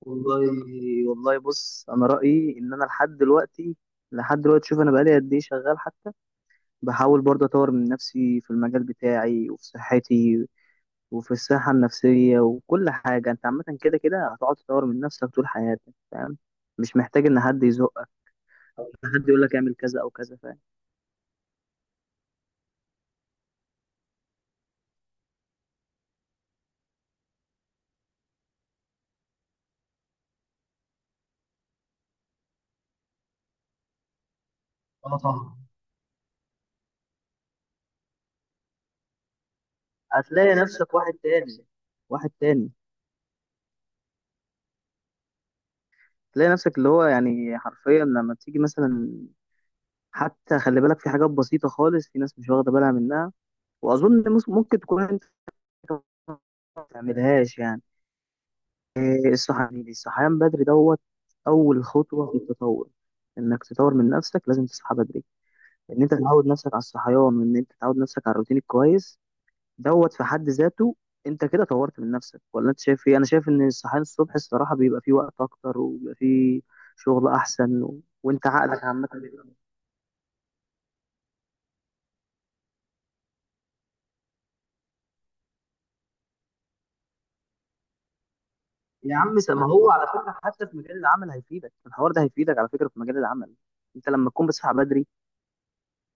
والله، بص انا رايي ان انا لحد دلوقتي، شوف انا بقالي قد ايه شغال حتى. بحاول برضه اطور من نفسي في المجال بتاعي وفي صحتي وفي الصحه النفسيه وكل حاجه. انت عامه كده كده هتقعد تطور من نفسك طول حياتك، فاهم؟ مش محتاج ان حد يزقك او ان حد يقول لك اعمل كذا او كذا، فاهم؟ اه، طبعا. هتلاقي نفسك واحد تاني، واحد تاني. هتلاقي نفسك اللي هو يعني حرفيا لما تيجي مثلا حتى. خلي بالك في حاجات بسيطة خالص، في ناس مش واخدة بالها منها، واظن ممكن تكون انت كمان ما تعملهاش يعني. الصحيان دي، الصحيان بدري دوت اول خطوه في التطور. انك تطور من نفسك لازم تصحى بدري. ان انت تعود نفسك على الصحيان، وان انت تعود نفسك على الروتين الكويس دوت في حد ذاته. انت كده طورت من نفسك، ولا انت شايف ايه؟ انا شايف ان الصحيان الصبح الصراحه بيبقى فيه وقت اكتر، وبيبقى فيه شغل احسن وانت عقلك عامه يا عم، ما هو على فكره حتى في مجال العمل هيفيدك، الحوار ده هيفيدك على فكره في مجال العمل. انت لما تكون بتصحى بدري،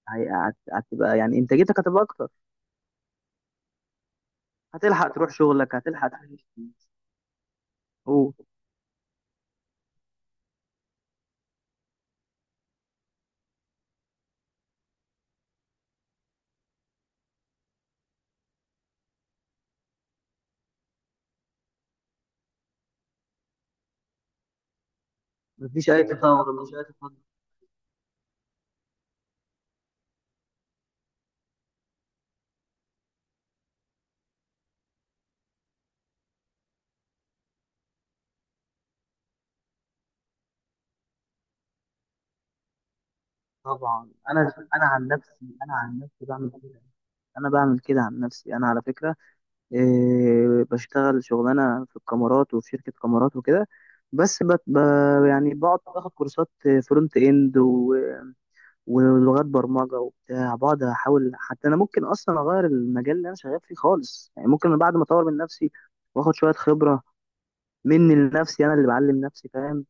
هتبقى يعني انتاجيتك هتبقى اكتر. هتلحق تروح شغلك، هتلحق تعيش. هو، مفيش اي تطور، مفيش اي تطور. طبعا، انا عن نفسي، انا عن نفسي بعمل كده. انا بعمل كده عن نفسي انا، على فكره. بشتغل شغلانه في الكاميرات وفي شركه كاميرات وكده. بس بت ب يعني بقعد باخد كورسات فرونت اند ولغات برمجه وبتاع. بقعد احاول، حتى انا ممكن اصلا اغير المجال اللي انا شغال فيه خالص. يعني ممكن بعد ما اطور من نفسي واخد شويه خبره مني لنفسي، انا اللي بعلم نفسي، فاهم؟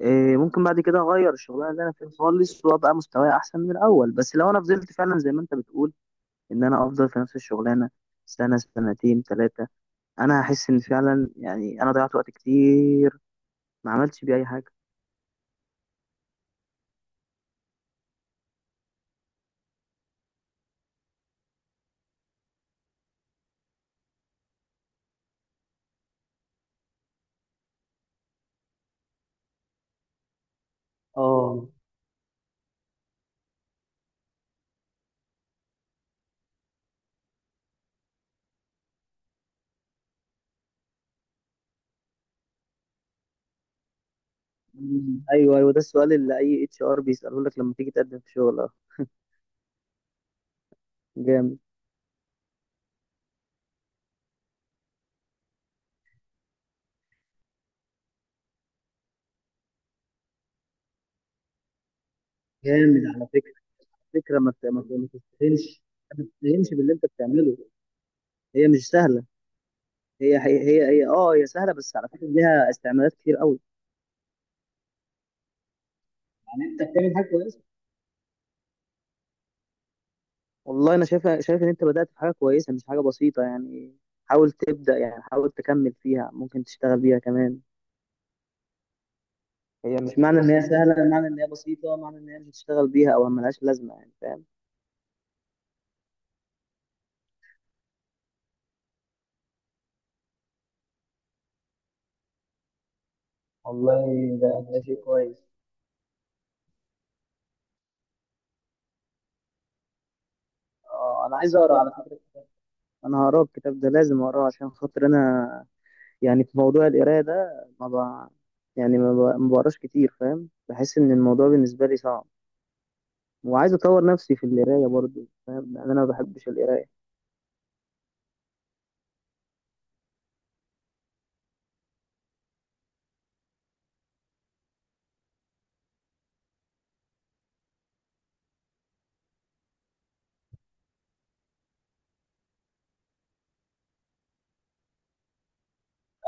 ممكن بعد كده اغير الشغلانه اللي انا فيها خالص، وابقى مستواي احسن من الاول. بس لو انا فضلت فعلا زي ما انت بتقول، ان انا افضل في نفس الشغلانه سنه سنتين ثلاثه، انا هحس ان فعلا يعني انا ضيعت وقت كتير، ما عملتش بيه اي حاجه. اه. مم. ايوه، ايوه، ده السؤال اللي اي اتش ار بيساله لك لما تيجي تقدم في شغل. اه جامد. جامد على فكره. فكره، ما تستهينش، ما تستهينش باللي انت بتعمله. هي مش سهله. هي سهله، بس على فكره ليها استعمالات كتير قوي. يعني انت بتعمل حاجه كويسه. والله انا شايف ان انت بدات في حاجه كويسه، مش حاجه بسيطه يعني. حاول تبدا، يعني حاول تكمل فيها. ممكن تشتغل بيها كمان. هي مش معنى ان هي سهله، معنى ان هي بسيطه، معنى ان هي مش هتشتغل بيها او ملهاش لازمه يعني، فاهم؟ والله ده شيء كويس. اه، انا عايز اقرا على فكره. انا هقرا الكتاب ده، لازم اقراه عشان خاطر انا يعني في موضوع القرايه ده ما ب... يعني ما بقراش كتير، فاهم؟ بحس ان الموضوع بالنسبه لي صعب، وعايز اطور نفسي في القرايه برضو، فاهم؟ لان انا ما بحبش القرايه.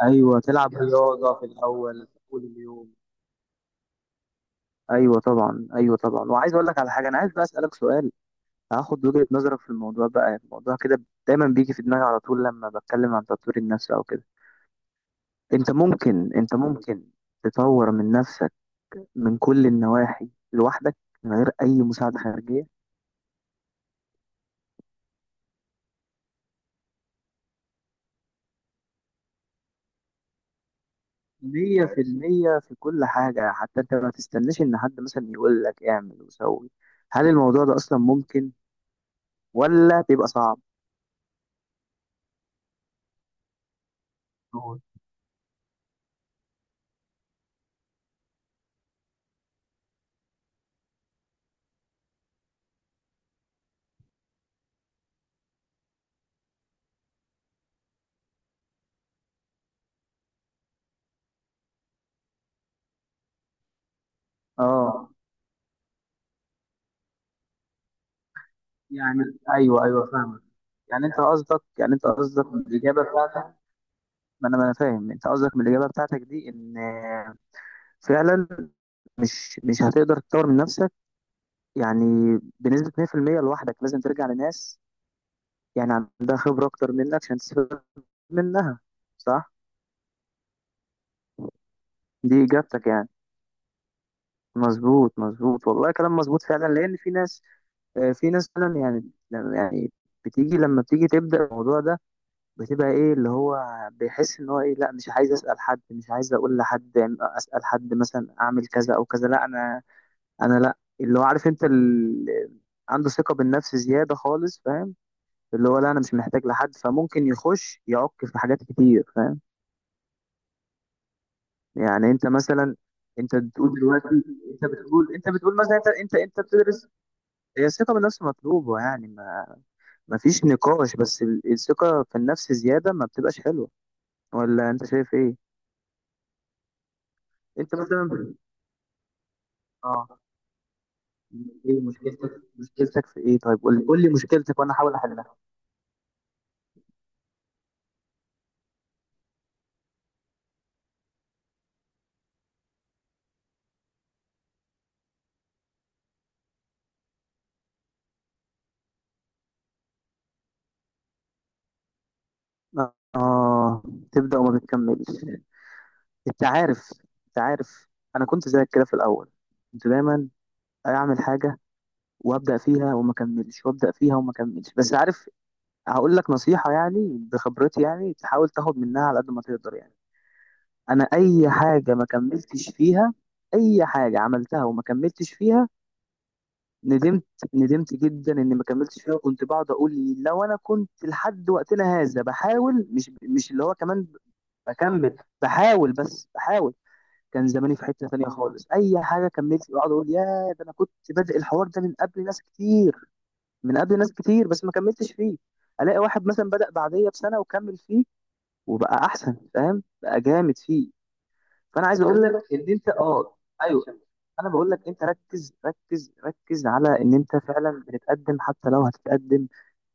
ايوه، تلعب رياضه في الاول، في اول اليوم. ايوه طبعا، ايوه طبعا، وعايز اقول لك على حاجه، انا عايز بقى اسالك سؤال. هاخد وجهه نظرك في الموضوع بقى. الموضوع كده دايما بيجي في دماغي على طول لما بتكلم عن تطوير النفس او كده. انت ممكن تطور من نفسك من كل النواحي لوحدك، من غير اي مساعده خارجيه، 100%، في كل حاجة؟ حتى انت ما تستناش ان حد مثلا يقول لك اعمل وسوي. هل الموضوع ده اصلا ممكن، ولا بيبقى صعب؟ هو- اه يعني ايوه، ايوه، فاهمك. يعني انت قصدك، من الاجابه بتاعتك. ما انا فاهم انت قصدك من الاجابه بتاعتك دي، ان فعلا مش هتقدر تطور من نفسك يعني بنسبه 100% لوحدك، لازم ترجع لناس يعني عندها خبره اكتر منك عشان تستفيد منها، صح؟ دي اجابتك يعني. مظبوط، مظبوط، والله كلام مظبوط فعلا. لان في ناس، في ناس فعلا يعني يعني لما بتيجي تبدا الموضوع ده، بتبقى ايه اللي هو بيحس ان هو ايه، لا مش عايز اسال حد، مش عايز اقول لحد يعني اسال حد مثلا اعمل كذا او كذا. لا انا، انا لا اللي هو عارف انت اللي عنده ثقه بالنفس زياده خالص، فاهم؟ اللي هو لا انا مش محتاج لحد، فممكن يخش يعك في حاجات كتير، فاهم؟ يعني انت مثلا، انت بتقول دلوقتي انت بتقول مثلا انت بتدرس. هي الثقة بالنفس مطلوبة، يعني ما فيش نقاش. بس الثقة في النفس زيادة ما بتبقاش حلوة، ولا انت شايف ايه؟ انت مثلا، اه ايه مشكلتك؟ مشكلتك في ايه؟ طيب قول لي، قول لي مشكلتك وانا احاول احلها. اه، تبدأ وما بتكملش. انت عارف، انت عارف انا كنت زيك كده في الاول. كنت دايما اعمل حاجة وابدأ فيها وما اكملش، وابدأ فيها وما اكملش. بس عارف، هقول لك نصيحة يعني بخبرتي، يعني تحاول تاخد منها على قد ما تقدر يعني. انا اي حاجه ما كملتش فيها، اي حاجه عملتها وما كملتش فيها، ندمت. ندمت جدا اني ما كملتش فيها. وكنت بقعد اقول، لو انا كنت لحد وقتنا هذا بحاول، مش اللي هو كمان بكمل، بحاول بس بحاول، كان زماني في حته ثانيه خالص. اي حاجه كملت بقعد اقول يا ده، انا كنت بادئ الحوار ده من قبل ناس كتير، من قبل ناس كتير، بس ما كملتش فيه. الاقي واحد مثلا بدأ بعديا بسنه وكمل فيه وبقى احسن، فاهم؟ بقى جامد فيه. فانا عايز اقول لك ان انت ايوه، انا بقول لك، انت ركز ركز ركز على ان انت فعلا بتتقدم، حتى لو هتتقدم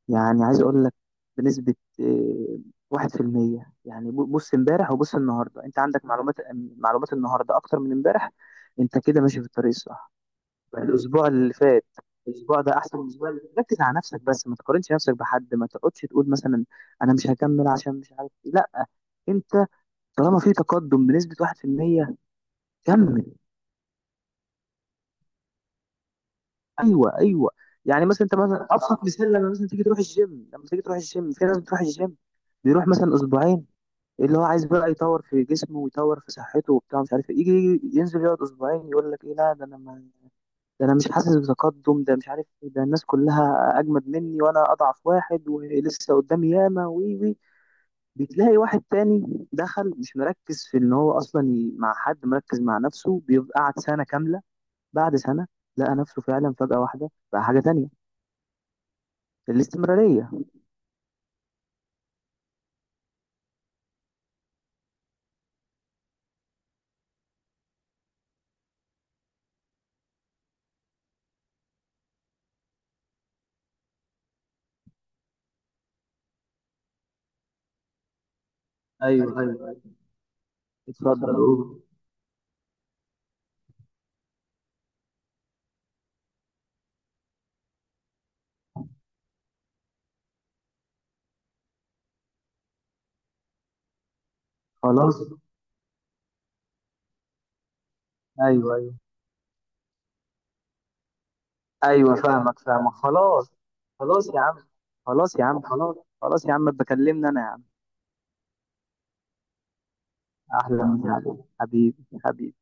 يعني. عايز اقول لك بنسبة 1% يعني. بص امبارح وبص النهاردة، انت عندك معلومات، معلومات النهاردة اكتر من امبارح. انت كده ماشي في الطريق الصح. يعني الاسبوع اللي فات، الاسبوع ده احسن من الاسبوع اللي فات. ركز على نفسك بس، ما تقارنش نفسك بحد. ما تقعدش تقول مثلا انا مش هكمل عشان مش عارف ايه، لا. انت طالما في تقدم بنسبة 1%، كمل. ايوه، ايوه. يعني مثلا انت مثلا ابسط مثال، لما مثلا تيجي تروح الجيم، لما تيجي تروح الجيم، في ناس بتروح الجيم، بيروح مثلا اسبوعين اللي هو عايز بقى يطور في جسمه ويطور في صحته وبتاع مش عارف إيه. يجي، ينزل، يقعد اسبوعين، يقول لك ايه، لا ده انا ما ده انا مش حاسس بتقدم، ده مش عارف إيه، ده الناس كلها اجمد مني وانا اضعف واحد ولسه قدامي ياما وي وي. بتلاقي واحد تاني دخل مش مركز في ان هو اصلا مع حد. مركز مع نفسه، بيبقى قعد سنه كامله. بعد سنه لقى نفسه فعلا فجاه واحده بقى حاجه تانية. الاستمرارية. ايوه، ايوه، اتفضل. اتفضل قول. خلاص. ايوه، ايوه، ايوه، فاهمك، فاهمك، خلاص. خلاص يا عم. خلاص يا عم خلاص. خلاص يا عم بكلمنا انا يا عم. احلى مسا عليك، حبيبي، حبيبي.